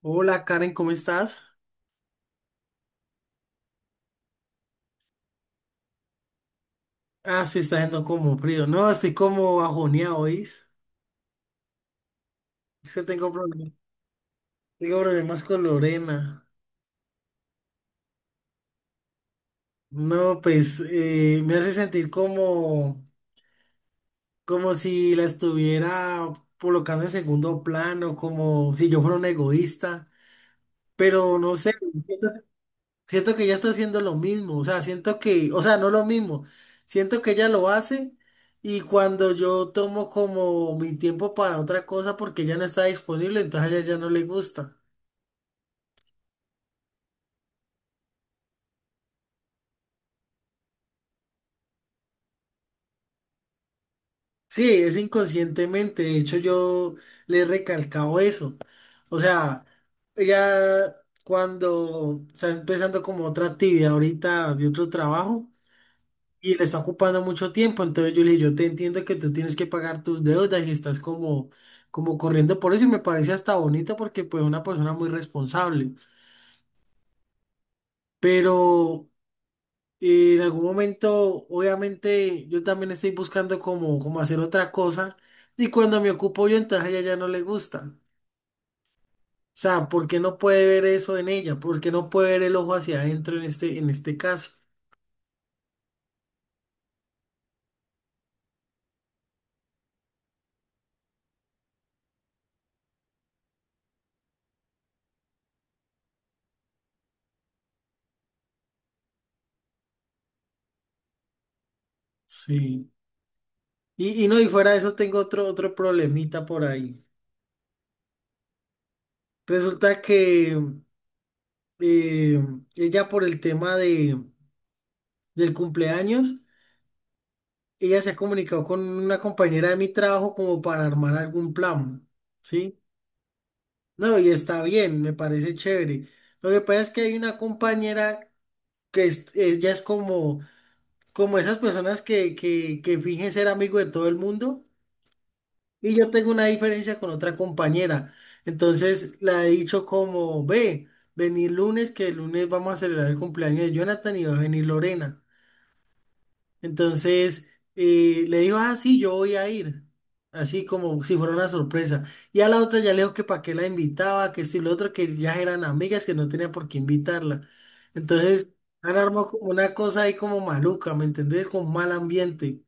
Hola Karen, ¿cómo estás? Ah, sí, está yendo como frío. No, estoy como bajoneado, ¿oís? Es que tengo problemas, Tengo problemas con Lorena. No, pues me hace sentir como, como si la estuviera colocando en segundo plano, como si yo fuera un egoísta. Pero no sé, siento Siento que ella está haciendo lo mismo, o sea, siento que, o sea, no lo mismo, siento que ella lo hace y cuando yo tomo como mi tiempo para otra cosa porque ella no está disponible, entonces a ella ya no le gusta. Sí, es inconscientemente, de hecho yo le he recalcado eso. O sea, ella cuando está empezando como otra actividad ahorita de otro trabajo. Y le está ocupando mucho tiempo. Entonces yo le dije, yo te entiendo que tú tienes que pagar tus deudas y estás como, como corriendo por eso y me parece hasta bonito porque pues una persona muy responsable. Pero en algún momento, obviamente, yo también estoy buscando como, como hacer otra cosa y cuando me ocupo yo, entonces a ella ya no le gusta. O sea, ¿por qué no puede ver eso en ella? ¿Por qué no puede ver el ojo hacia adentro en este caso? Sí. Y no, y fuera de eso tengo otro, otro problemita por ahí. Resulta que eh, ella por el tema de, del cumpleaños, ella se ha comunicado con una compañera de mi trabajo como para armar algún plan, ¿sí? No, y está bien, me parece chévere. Lo que pasa es que hay una compañera ella es como, como esas personas que fingen ser amigo de todo el mundo. Y yo tengo una diferencia con otra compañera. Entonces la he dicho como, ve, venir lunes, que el lunes vamos a celebrar el cumpleaños de Jonathan y va a venir Lorena. Entonces le digo, ah, sí, yo voy a ir. Así como si fuera una sorpresa. Y a la otra ya le digo que para qué la invitaba, que si lo otro, que ya eran amigas, que no tenía por qué invitarla. Entonces han armado como una cosa ahí como maluca, ¿me entendés? Con mal ambiente.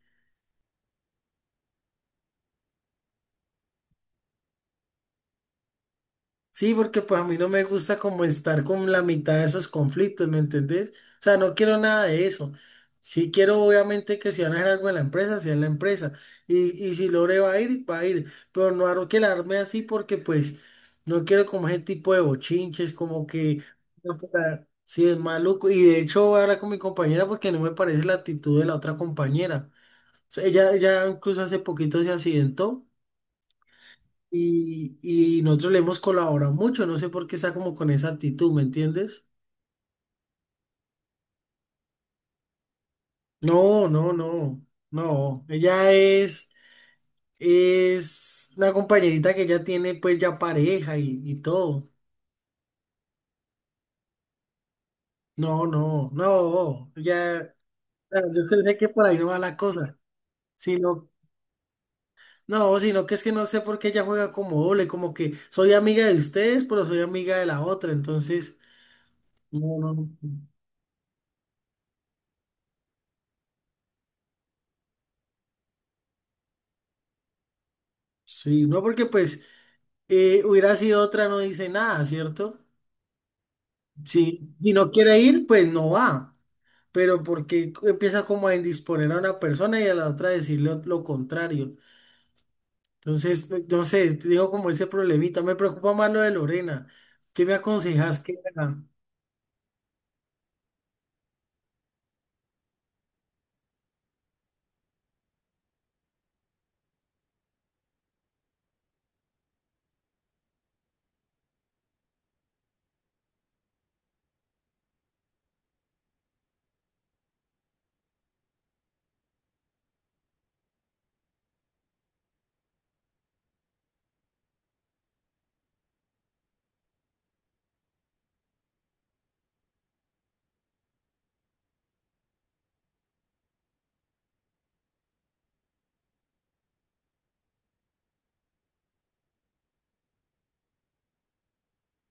Sí, porque pues a mí no me gusta como estar con la mitad de esos conflictos, ¿me entendés? O sea, no quiero nada de eso. Sí quiero obviamente que si van a hacer algo en la empresa, sea en la empresa. Y si Lore va a ir, va a ir. Pero no quiero quedarme así porque pues no quiero como ese tipo de bochinches, como que no, sí es maluco. Y de hecho voy a hablar con mi compañera porque no me parece la actitud de la otra compañera. O sea, ella incluso hace poquito se accidentó. Y nosotros le hemos colaborado mucho, no sé por qué está como con esa actitud, ¿me entiendes? No, no, no, no. Es una compañerita que ya tiene pues ya pareja y todo. No, no, no, ya, ah, yo pensé que por ahí no va la cosa, sino, no, sino que es que no sé por qué ella juega como doble, como que soy amiga de ustedes, pero soy amiga de la otra, entonces, no, no, no. Sí, no, porque pues... hubiera sido otra, no dice nada, ¿cierto? Sí, si no quiere ir, pues no va. Pero porque empieza como a indisponer a una persona y a la otra decirle lo contrario. Entonces, no sé, te digo como ese problemita. Me preocupa más lo de Lorena. ¿Qué me aconsejas que haga?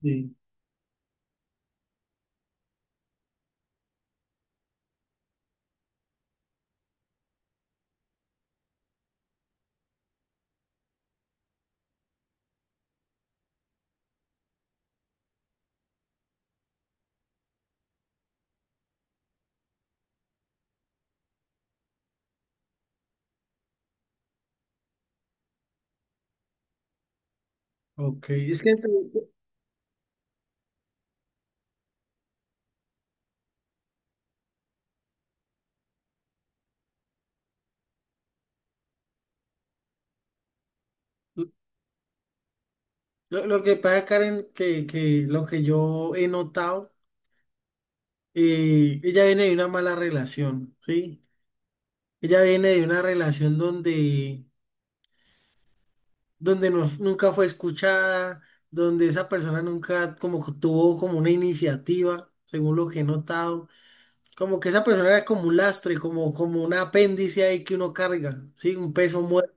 Sí, ok. Lo que pasa, Karen, que lo que yo he notado, ella viene de una mala relación, ¿sí? Ella viene de una relación donde donde nunca fue escuchada, donde esa persona nunca como que tuvo como una iniciativa, según lo que he notado. Como que esa persona era como un lastre, como, como un apéndice ahí que uno carga, ¿sí? Un peso muerto.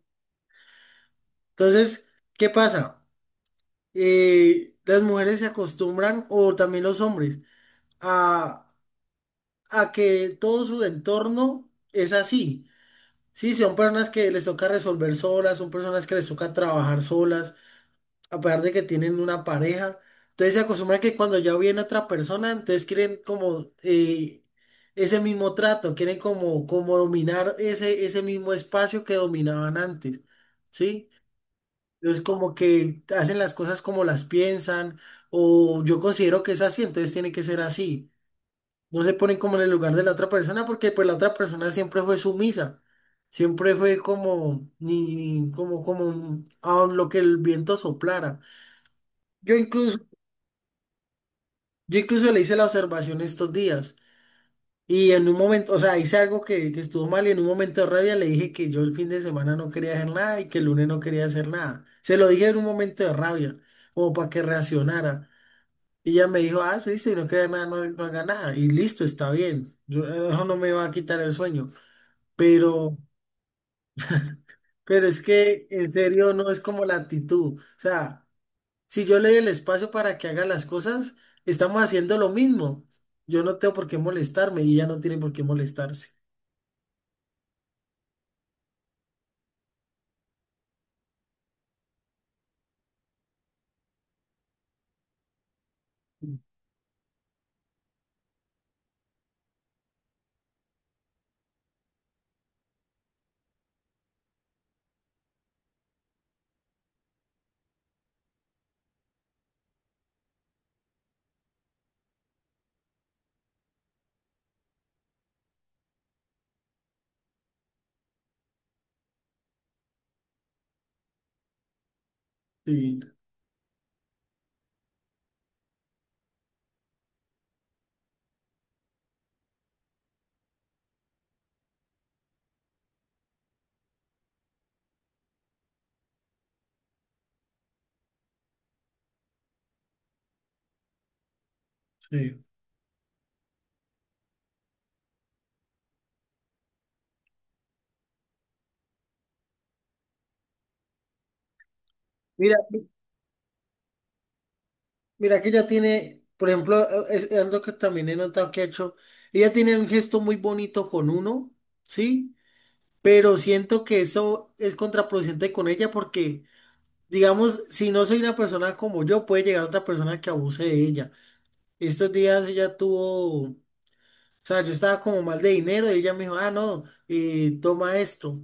Entonces, ¿qué pasa? Las mujeres se acostumbran, o también los hombres, a, a que todo su entorno es así. Sí, son personas que les toca resolver solas, son personas que les toca trabajar solas. Aparte de que tienen una pareja, entonces se acostumbran que cuando ya viene otra persona, entonces quieren como ese mismo trato, quieren como, como dominar ese, ese mismo espacio que dominaban antes, ¿sí? Entonces como que hacen las cosas como las piensan, o yo considero que es así, entonces tiene que ser así. No se ponen como en el lugar de la otra persona porque pues la otra persona siempre fue sumisa. Siempre fue como, ni, como, como, a lo que el viento soplara. Yo incluso Yo incluso le hice la observación estos días y en un momento, o sea, hice algo que estuvo mal y en un momento de rabia le dije que yo el fin de semana no quería hacer nada y que el lunes no quería hacer nada. Se lo dije en un momento de rabia, como para que reaccionara. Y ella me dijo, ah, sí, si no quería nada, no, no haga nada. Y listo, está bien. Yo, eso no me va a quitar el sueño. Pero, pero es que en serio no es como la actitud. O sea... Si yo le doy el espacio para que haga las cosas, estamos haciendo lo mismo. Yo no tengo por qué molestarme y ella no tiene por qué molestarse. Sí, sí. Mira, mi- mira que ella tiene, por ejemplo, es algo que también he notado que ha hecho. Ella tiene un gesto muy bonito con uno, ¿sí? Pero siento que eso es contraproducente con ella porque, digamos, si no soy una persona como yo, puede llegar otra persona que abuse de ella. Estos días ella tuvo O sea, yo estaba como mal de dinero y ella me dijo, ah, no, toma esto.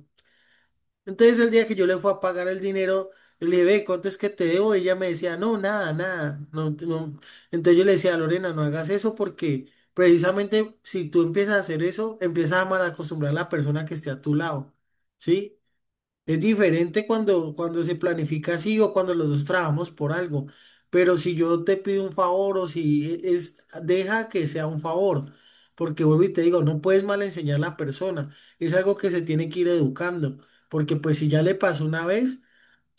Entonces el día que yo le fui a pagar el dinero, yo le dije, ve, ¿cuánto es que te debo? Y ella me decía, no, nada, nada. No, no". Entonces yo le decía, Lorena, no hagas eso porque precisamente si tú empiezas a hacer eso, empiezas a malacostumbrar a la persona que esté a tu lado, ¿sí? Es diferente cuando, cuando se planifica así o cuando los dos trabajamos por algo. Pero si yo te pido un favor o si es, deja que sea un favor. Porque vuelvo y te digo, no puedes mal enseñar a la persona. Es algo que se tiene que ir educando. Porque pues si ya le pasó una vez,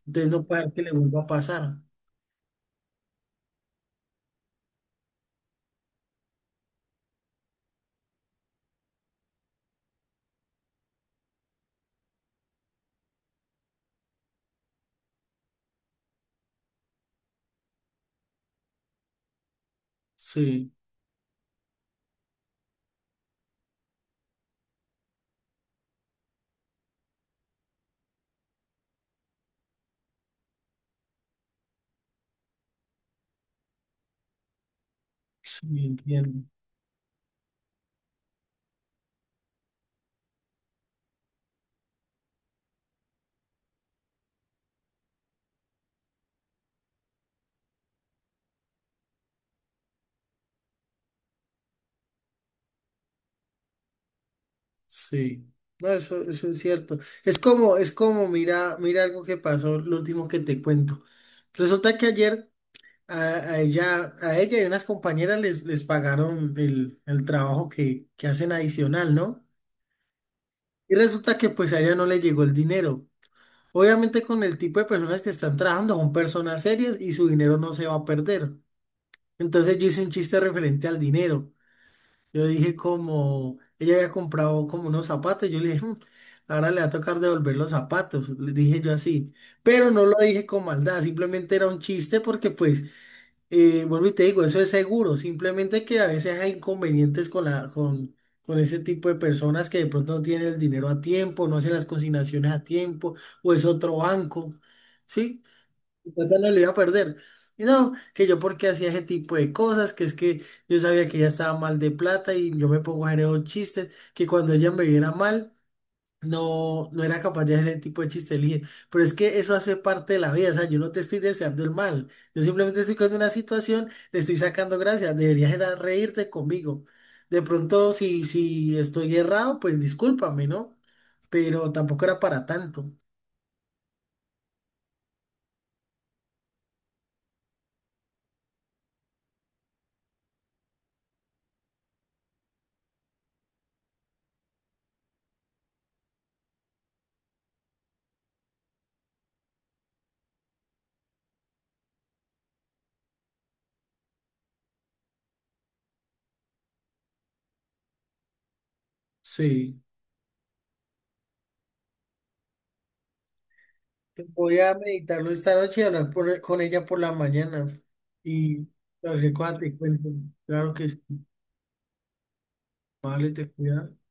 entonces no puede dar que le vuelva a pasar. Sí, sí, entiendo. Sí. No, eso es cierto. Es como, mira, mira algo que pasó, lo último que te cuento. Resulta que ayer A, a ella y unas compañeras les pagaron el trabajo que hacen adicional, ¿no? Y resulta que pues a ella no le llegó el dinero. Obviamente con el tipo de personas que están trabajando son personas serias y su dinero no se va a perder. Entonces yo hice un chiste referente al dinero. Yo le dije como, ella había comprado como unos zapatos, yo le dije, "Mm, ahora le va a tocar devolver los zapatos, le dije yo así. Pero no lo dije con maldad, simplemente era un chiste porque pues... vuelvo y te digo, eso es seguro, simplemente que a veces hay inconvenientes con la, con ese tipo de personas que de pronto no tienen el dinero a tiempo, no hacen las consignaciones a tiempo, o es otro banco, ¿sí? Plata no lo iba a perder. Y no, que yo porque hacía ese tipo de cosas, que es que yo sabía que ella estaba mal de plata y yo me pongo a hacer esos chistes, que cuando ella me viera mal, no, no era capaz de hacer ese tipo de chiste, le dije, pero es que eso hace parte de la vida, o sea, yo no te estoy deseando el mal, yo simplemente estoy con una situación, le estoy sacando gracias, deberías era reírte conmigo. De pronto, si, si estoy errado, pues discúlpame, ¿no? Pero tampoco era para tanto. Sí. Voy a meditarlo esta noche y hablar con ella por la mañana. Y cualquier cosa te cuento. Claro que sí, vale, te cuidas.